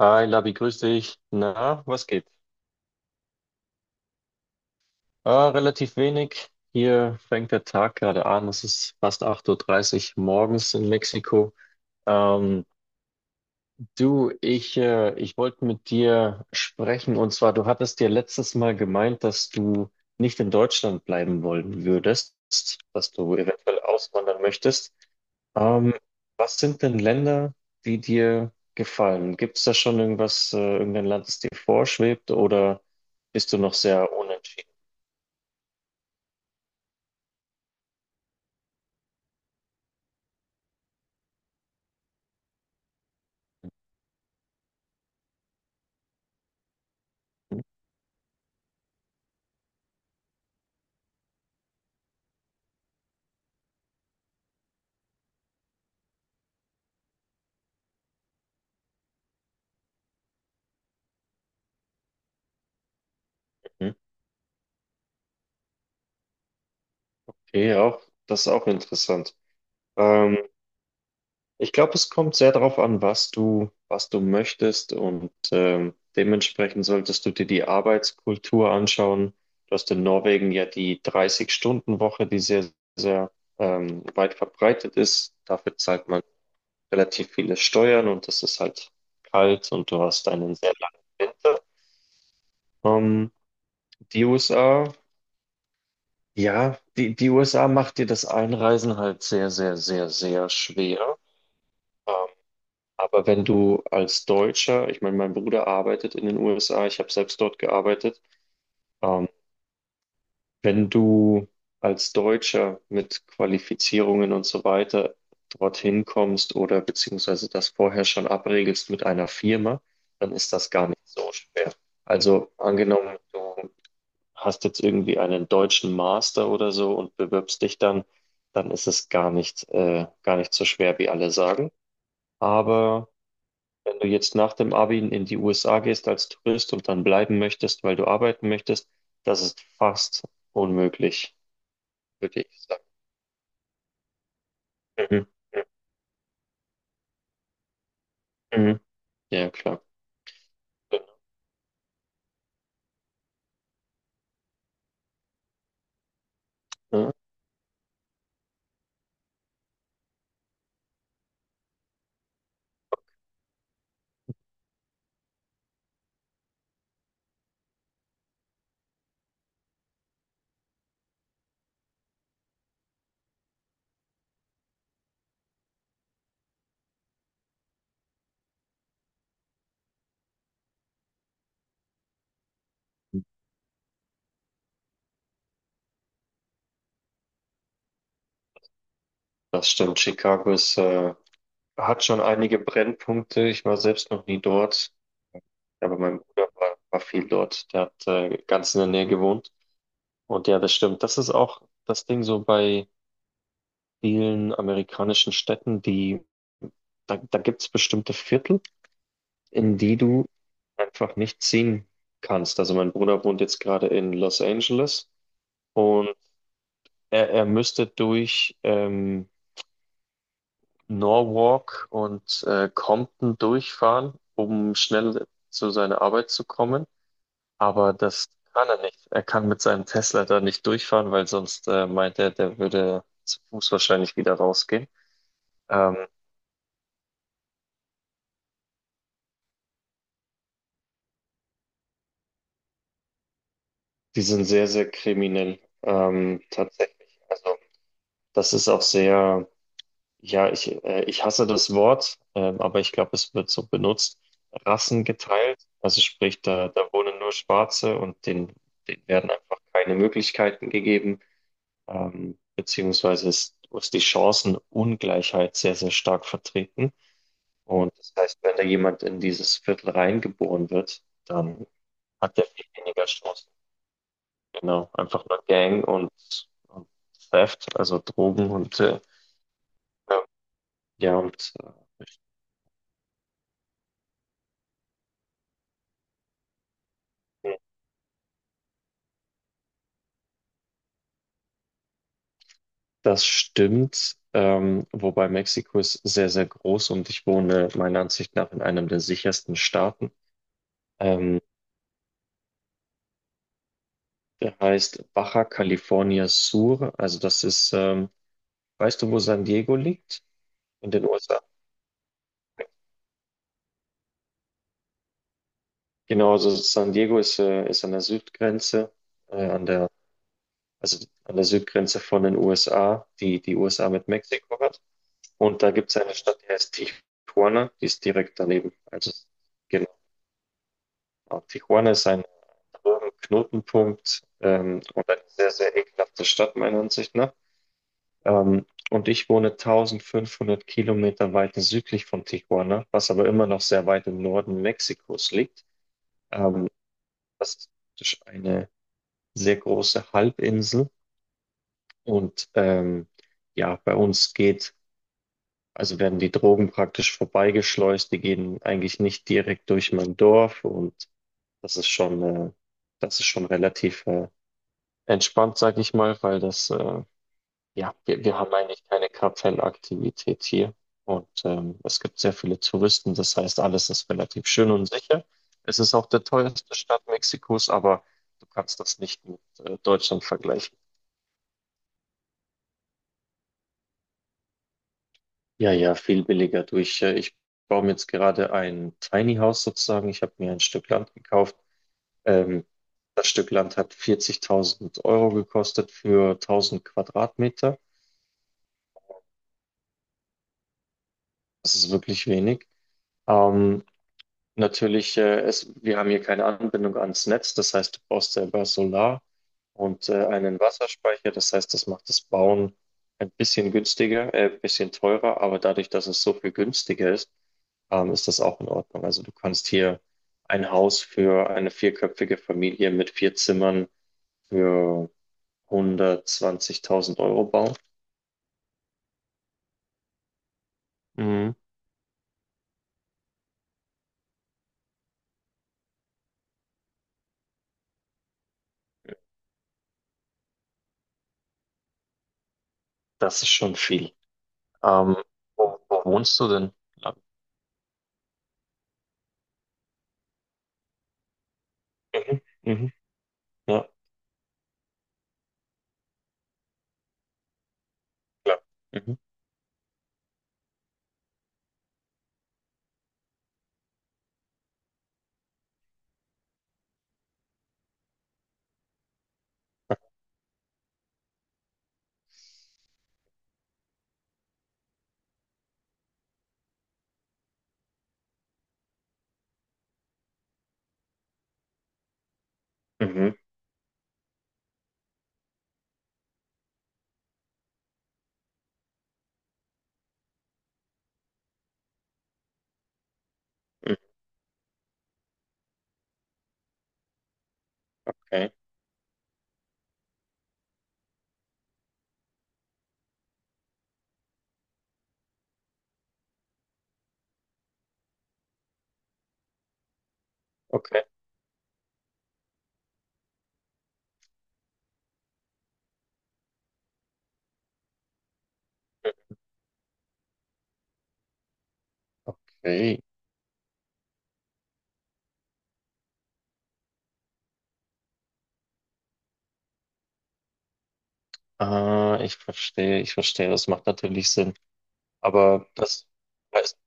Hi Labi, grüß dich. Na, was geht? Ah, relativ wenig. Hier fängt der Tag gerade an. Es ist fast 8.30 Uhr dreißig morgens in Mexiko. Ähm, Du, ich wollte mit dir sprechen, und zwar, du hattest dir letztes Mal gemeint, dass du nicht in Deutschland bleiben wollen würdest, dass du eventuell auswandern möchtest. Ähm, was sind denn Länder, die dir gefallen? Gibt es da schon irgendein Land, das dir vorschwebt, oder bist du noch sehr unentschieden? Hm? Okay, auch, das ist auch interessant. Ähm, Ich glaube, es kommt sehr darauf an, was du möchtest, und dementsprechend solltest du dir die Arbeitskultur anschauen. Du hast in Norwegen ja die 30-Stunden-Woche, die sehr weit verbreitet ist. Dafür zahlt man relativ viele Steuern, und es ist halt kalt, und du hast einen sehr langen Winter. Ähm, die USA, ja, die USA macht dir das Einreisen halt sehr, sehr, sehr, sehr schwer. Ähm, Aber wenn du als Deutscher, ich meine, mein Bruder arbeitet in den USA, ich habe selbst dort gearbeitet, ähm, wenn du als Deutscher mit Qualifizierungen und so weiter dorthin kommst oder beziehungsweise das vorher schon abregelst mit einer Firma, dann ist das gar nicht so schwer. Also angenommen, du hast jetzt irgendwie einen deutschen Master oder so und bewirbst dich dann, dann ist es gar nicht so schwer, wie alle sagen. Aber wenn du jetzt nach dem Abi in die USA gehst als Tourist und dann bleiben möchtest, weil du arbeiten möchtest, das ist fast unmöglich, würde ich sagen. Mhm. Mhm. Ja, klar. Ja, das stimmt. Chicago hat schon einige Brennpunkte. Ich war selbst noch nie dort. Ja, aber mein Bruder war viel dort. Der hat ganz in der Nähe gewohnt. Und ja, das stimmt. Das ist auch das Ding so bei vielen amerikanischen Städten: da, da gibt es bestimmte Viertel, in die du einfach nicht ziehen kannst. Also mein Bruder wohnt jetzt gerade in Los Angeles, und er müsste durch Norwalk und Compton durchfahren, um schnell zu seiner Arbeit zu kommen. Aber das kann er nicht. Er kann mit seinem Tesla da nicht durchfahren, weil sonst, meint er, der würde zu Fuß wahrscheinlich wieder rausgehen. Ähm, die sind sehr, sehr kriminell, tatsächlich. Also das ist auch sehr, ich hasse das Wort, aber ich glaube, es wird so benutzt. Rassen geteilt, also sprich, da, da wohnen nur Schwarze, und denen werden einfach keine Möglichkeiten gegeben, beziehungsweise ist die Chancenungleichheit sehr, sehr stark vertreten. Und das heißt, wenn da jemand in dieses Viertel reingeboren wird, dann hat der viel weniger Chancen. Genau, einfach nur Gang und Theft, also Drogen und äh, Das stimmt, wobei Mexiko ist sehr, sehr groß, und ich wohne meiner Ansicht nach in einem der sichersten Staaten. Ähm, der heißt Baja California Sur. Also das ist, weißt du, wo San Diego liegt? In den USA. Genau, also San Diego ist an der Südgrenze, äh, an der, also an der Südgrenze von den USA, die die USA mit Mexiko hat. Und da gibt es eine Stadt, die heißt Tijuana, die ist direkt daneben. Also genau. Tijuana ist ein drögen Knotenpunkt, und eine sehr, sehr ekelhafte Stadt meiner Ansicht nach. Ähm, und ich wohne 1500 Kilometer weiter südlich von Tijuana, was aber immer noch sehr weit im Norden Mexikos liegt. Ähm, das ist praktisch eine sehr große Halbinsel, und ja, also werden die Drogen praktisch vorbeigeschleust, die gehen eigentlich nicht direkt durch mein Dorf, und das ist schon, äh, das ist schon relativ, entspannt, sag ich mal, weil wir haben eigentlich keine Kartellaktivität hier. Und es gibt sehr viele Touristen, das heißt, alles ist relativ schön und sicher. Es ist auch der teuerste Staat Mexikos, aber du kannst das nicht mit Deutschland vergleichen. Ja, ja, viel billiger durch. Ich baue mir jetzt gerade ein Tiny House sozusagen. Ich habe mir ein Stück Land gekauft. Ähm, das Stück Land hat 40.000 Euro gekostet für 1000 Quadratmeter. Das ist wirklich wenig. Ähm, Natürlich, wir haben hier keine Anbindung ans Netz, das heißt, du brauchst selber Solar und einen Wasserspeicher, das heißt, das macht das Bauen ein bisschen teurer, aber dadurch, dass es so viel günstiger ist, ist das auch in Ordnung. Also du kannst hier ein Haus für eine vierköpfige Familie mit 4 Zimmern für 120.000 Euro bauen. Mhm. Das ist schon viel. Ähm, wo wohnst du denn? Mhm, mhm, ja, klar. Mhm. Mhm. mhm, okay, okay, okay. Ah, ich verstehe, ich verstehe. Das macht natürlich Sinn. Aber das, das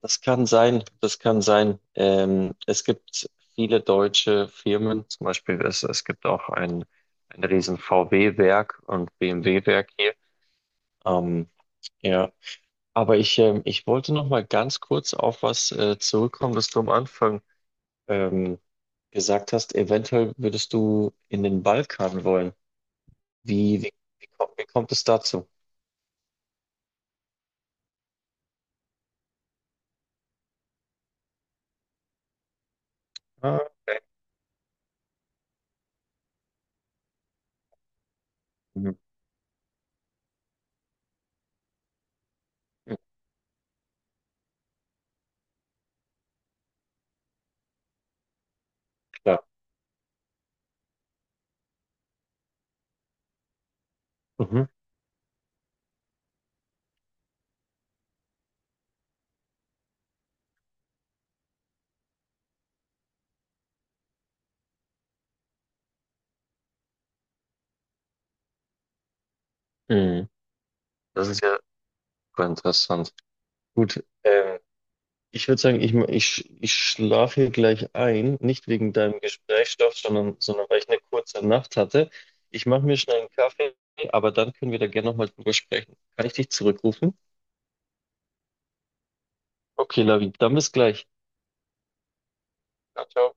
das kann sein, das kann sein. Es gibt viele deutsche Firmen, zum Beispiel, es gibt auch ein riesen VW-Werk und BMW-Werk hier. Ähm, ja, aber ich wollte noch mal ganz kurz auf was zurückkommen, was du am Anfang ähm, gesagt hast. Eventuell würdest du in den Balkan wollen. Wie, wie, wie kommt es dazu? Ah, okay. Mhm. Mhm, klar. Mhm. Mhm. Das ist ja super interessant. Gut, ich würde sagen, ich schlafe hier gleich ein, nicht wegen deinem Gesprächsstoff, sondern weil ich eine kurze Nacht hatte. Ich mache mir schnell einen Kaffee, aber dann können wir da gerne nochmal drüber sprechen. Kann ich dich zurückrufen? Okay, Lavi, dann bis gleich. Ciao, ciao.